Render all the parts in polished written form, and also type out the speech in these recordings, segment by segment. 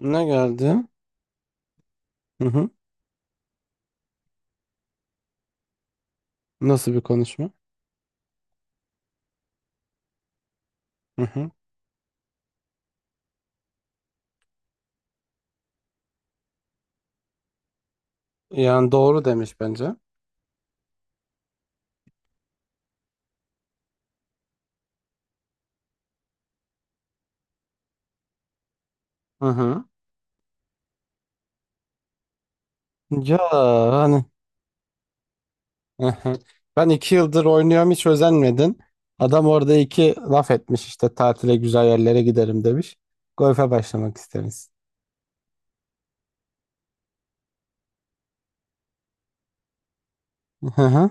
Ne geldi? Hı hı. Nasıl bir konuşma? Hı hı. Yani doğru demiş bence. Hı hı. Ya, hani, hı hı. Ben 2 yıldır oynuyorum, hiç özenmedin. Adam orada iki laf etmiş, işte tatile güzel yerlere giderim demiş. Golfe başlamak isteriz. Hı hı.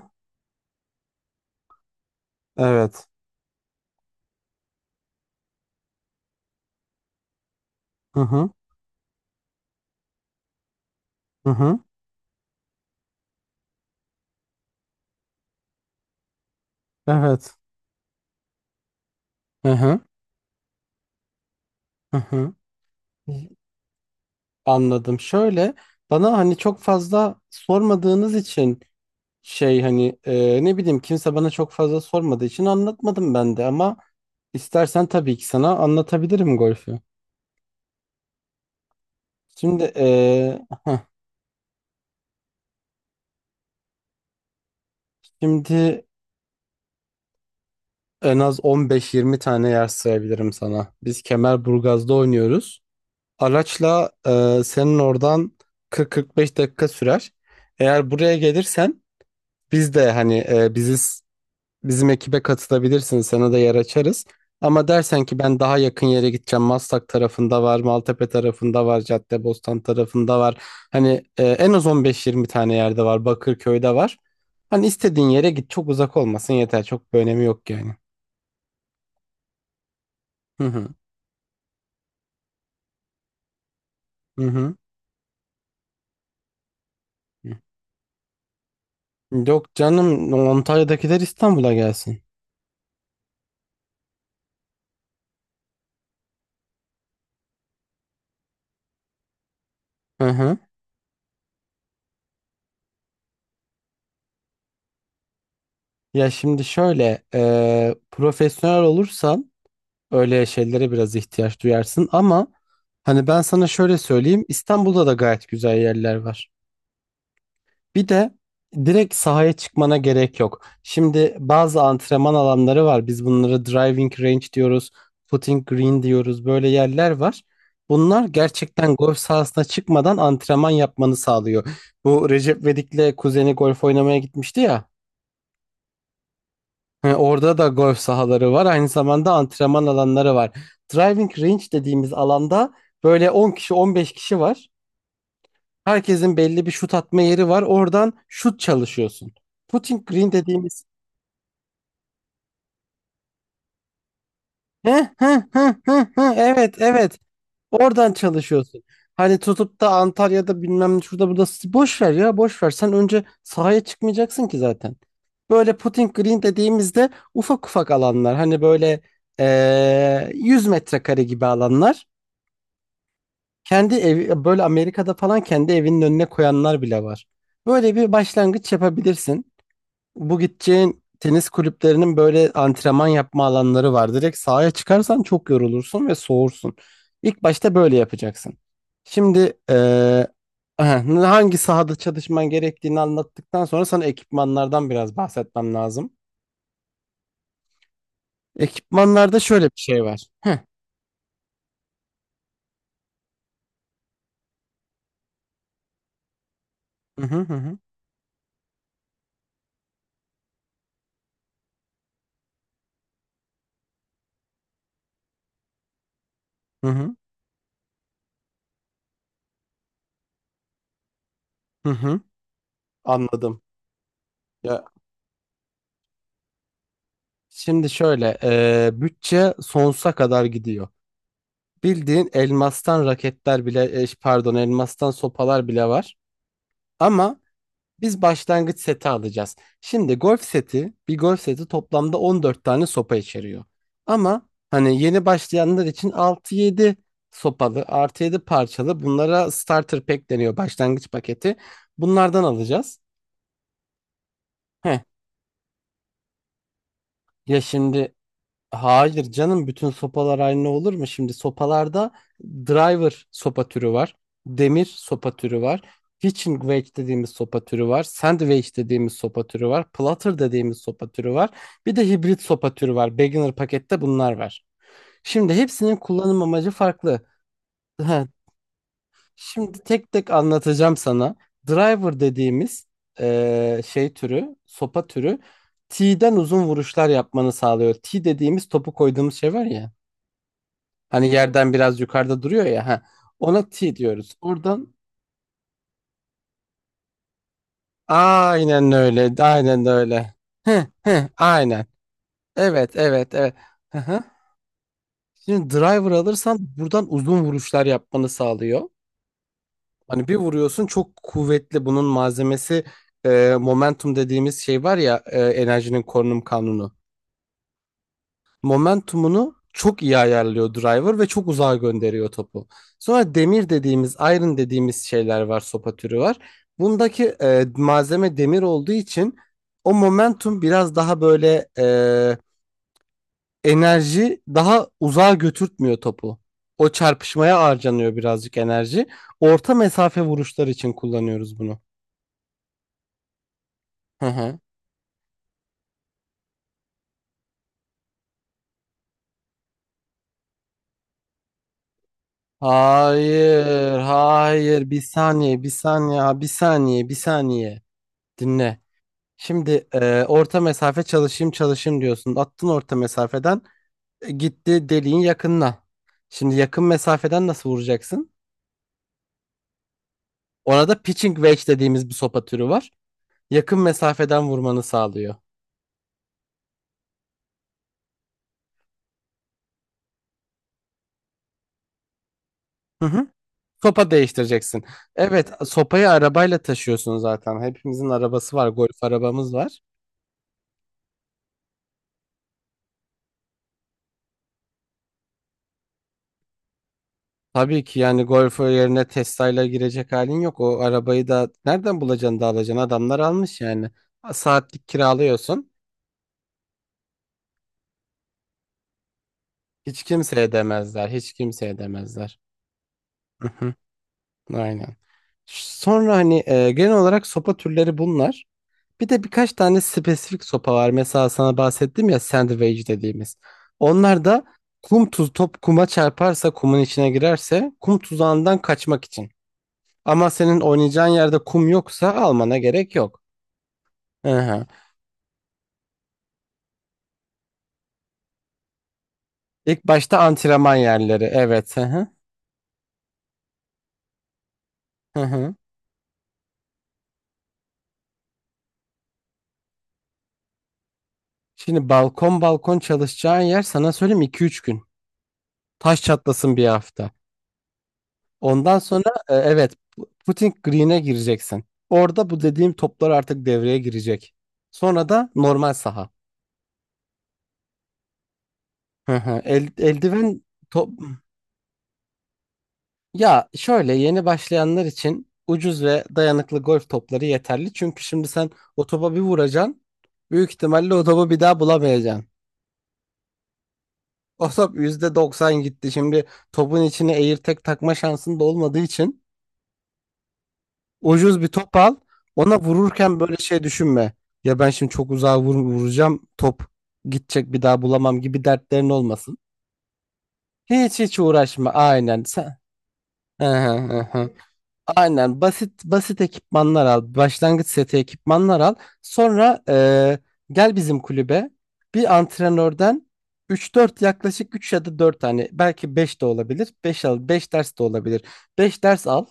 Evet. Hı hı. Hı hı. Evet. Hı hı. Hı hı. Anladım. Şöyle, bana hani çok fazla sormadığınız için, şey, hani ne bileyim, kimse bana çok fazla sormadığı için anlatmadım ben de, ama istersen tabii ki sana anlatabilirim golfü. Şimdi e, heh, şimdi en az 15-20 tane yer sayabilirim sana. Biz Kemerburgaz'da oynuyoruz. Araçla, senin oradan 40-45 dakika sürer. Eğer buraya gelirsen, biz de hani bizim ekibe katılabilirsin. Sana da yer açarız. Ama dersen ki ben daha yakın yere gideceğim. Maslak tarafında var, Maltepe tarafında var, Caddebostan tarafında var. Hani en az 15-20 tane yerde var. Bakırköy'de var. Hani istediğin yere git. Çok uzak olmasın yeter. Çok bir önemi yok yani. Hı hı. Hı hı. Yok canım, Antalya'dakiler İstanbul'a gelsin. Hı hı. Ya, şimdi şöyle, profesyonel olursan öyle şeylere biraz ihtiyaç duyarsın, ama hani ben sana şöyle söyleyeyim, İstanbul'da da gayet güzel yerler var. Bir de direkt sahaya çıkmana gerek yok. Şimdi bazı antrenman alanları var. Biz bunlara driving range diyoruz, putting green diyoruz. Böyle yerler var. Bunlar gerçekten golf sahasına çıkmadan antrenman yapmanı sağlıyor. Bu Recep Vedik'le kuzeni golf oynamaya gitmişti ya. He, orada da golf sahaları var. Aynı zamanda antrenman alanları var. Driving range dediğimiz alanda böyle 10 kişi, 15 kişi var. Herkesin belli bir şut atma yeri var. Oradan şut çalışıyorsun. Putting green dediğimiz. He, he, he, he, he. Evet, evet. Oradan çalışıyorsun. Hani tutup da Antalya'da bilmem şurada burada, boş ver ya boş ver. Sen önce sahaya çıkmayacaksın ki zaten. Böyle putting green dediğimizde ufak ufak alanlar. Hani böyle 100 metrekare gibi alanlar. Kendi evi böyle Amerika'da falan, kendi evinin önüne koyanlar bile var. Böyle bir başlangıç yapabilirsin. Bu gideceğin tenis kulüplerinin böyle antrenman yapma alanları var. Direkt sahaya çıkarsan çok yorulursun ve soğursun. İlk başta böyle yapacaksın. Şimdi, eee, aha, hangi sahada çalışman gerektiğini anlattıktan sonra sana ekipmanlardan biraz bahsetmem lazım. Ekipmanlarda şöyle bir şey var. Hı hı hı hı hı hı hı hı. Anladım. Ya, şimdi şöyle, bütçe sonsuza kadar gidiyor. Bildiğin elmastan raketler bile, pardon, elmastan sopalar bile var. Ama biz başlangıç seti alacağız. Şimdi, bir golf seti toplamda 14 tane sopa içeriyor. Ama hani yeni başlayanlar için 6-7 sopalı, artı 7 parçalı, bunlara starter pack deniyor, başlangıç paketi. Bunlardan alacağız. Heh, ya şimdi Hayır canım, bütün sopalar aynı olur mu? Şimdi sopalarda driver sopa türü var. Demir sopa türü var. Pitching wedge dediğimiz sopa türü var. Sand wedge dediğimiz sopa türü var. Platter dediğimiz sopa türü var. Bir de hibrit sopa türü var. Beginner pakette bunlar var. Şimdi hepsinin kullanım amacı farklı. Ha, şimdi tek tek anlatacağım sana. Driver dediğimiz sopa türü T'den uzun vuruşlar yapmanı sağlıyor. T dediğimiz topu koyduğumuz şey var ya. Hani yerden biraz yukarıda duruyor ya. Ha. Ona T diyoruz. Oradan aynen öyle. Aynen öyle. Aynen. Evet, evet, evet. Hı hı. Şimdi, driver alırsan buradan uzun vuruşlar yapmanı sağlıyor. Hani bir vuruyorsun çok kuvvetli, bunun malzemesi, momentum dediğimiz şey var ya, enerjinin korunum kanunu. Momentumunu çok iyi ayarlıyor driver ve çok uzağa gönderiyor topu. Sonra demir dediğimiz, iron dediğimiz şeyler var, sopa türü var. Bundaki, malzeme demir olduğu için o momentum biraz daha böyle, enerji daha uzağa götürtmüyor topu. O çarpışmaya harcanıyor birazcık enerji. Orta mesafe vuruşlar için kullanıyoruz bunu. Hı hı. Hayır, hayır. Bir saniye, bir saniye, bir saniye, bir saniye. Dinle. Şimdi orta mesafe çalışayım çalışayım diyorsun. Attın orta mesafeden, gitti deliğin yakınına. Şimdi yakın mesafeden nasıl vuracaksın? Orada pitching wedge dediğimiz bir sopa türü var. Yakın mesafeden vurmanı sağlıyor. Hı hı. Sopa değiştireceksin. Evet, sopayı arabayla taşıyorsun zaten. Hepimizin arabası var, golf arabamız var. Tabii ki yani golf yerine Tesla'yla girecek halin yok. O arabayı da nereden bulacaksın da alacaksın? Adamlar almış yani. Saatlik kiralıyorsun. Hiç kimseye demezler. Hiç kimseye demezler. Hı hı, aynen. Sonra hani genel olarak sopa türleri bunlar. Bir de birkaç tane spesifik sopa var. Mesela sana bahsettim ya sandwich dediğimiz. Onlar da kum tuz top kuma çarparsa, kumun içine girerse kum tuzağından kaçmak için. Ama senin oynayacağın yerde kum yoksa almana gerek yok. Hı hı. İlk başta antrenman yerleri. Evet. Hı hı. Hı hı. Şimdi balkon balkon çalışacağın yer, sana söyleyeyim, iki üç gün. Taş çatlasın bir hafta. Ondan sonra evet, putting green'e gireceksin. Orada bu dediğim toplar artık devreye girecek. Sonra da normal saha. Hı hı. Eldiven, top. Ya şöyle, yeni başlayanlar için ucuz ve dayanıklı golf topları yeterli. Çünkü şimdi sen o topa bir vuracaksın. Büyük ihtimalle o topu bir daha bulamayacaksın. O top %90 gitti. Şimdi topun içine tek takma şansın da olmadığı için ucuz bir top al. Ona vururken böyle şey düşünme. Ya ben şimdi çok uzağa vuracağım. Top gidecek, bir daha bulamam gibi dertlerin olmasın. Hiç hiç uğraşma. Aynen sen. Hı hı hı hı. Aynen, basit basit ekipmanlar al. Başlangıç seti ekipmanlar al. Sonra gel bizim kulübe. Bir antrenörden üç, dört, yaklaşık üç ya da dört tane, belki 5 de olabilir. 5 al, 5 ders de olabilir. 5 ders al.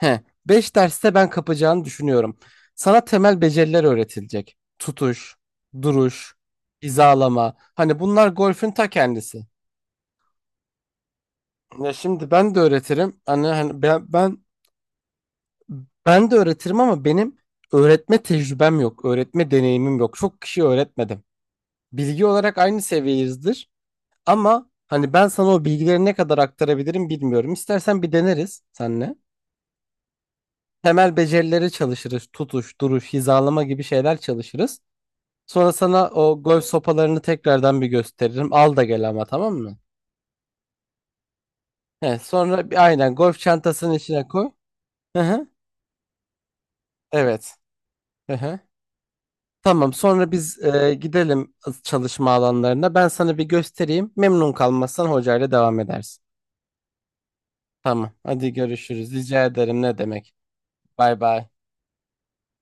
He, 5 derste ben kapacağını düşünüyorum. Sana temel beceriler öğretilecek. Tutuş, duruş, hizalama. Hani bunlar golfün ta kendisi. Ya, şimdi ben de öğretirim. Hani ben de öğretirim, ama benim öğretme tecrübem yok. Öğretme deneyimim yok. Çok kişi öğretmedim. Bilgi olarak aynı seviyeyizdir. Ama hani ben sana o bilgileri ne kadar aktarabilirim bilmiyorum. İstersen bir deneriz senle. Temel becerileri çalışırız. Tutuş, duruş, hizalama gibi şeyler çalışırız. Sonra sana o golf sopalarını tekrardan bir gösteririm. Al da gel ama, tamam mı? He, sonra bir, aynen, golf çantasının içine koy. Hı hı. Evet. Hı hı. Tamam, sonra biz gidelim çalışma alanlarına. Ben sana bir göstereyim. Memnun kalmazsan hocayla devam edersin. Tamam. Hadi, görüşürüz. Rica ederim. Ne demek? Bay bay.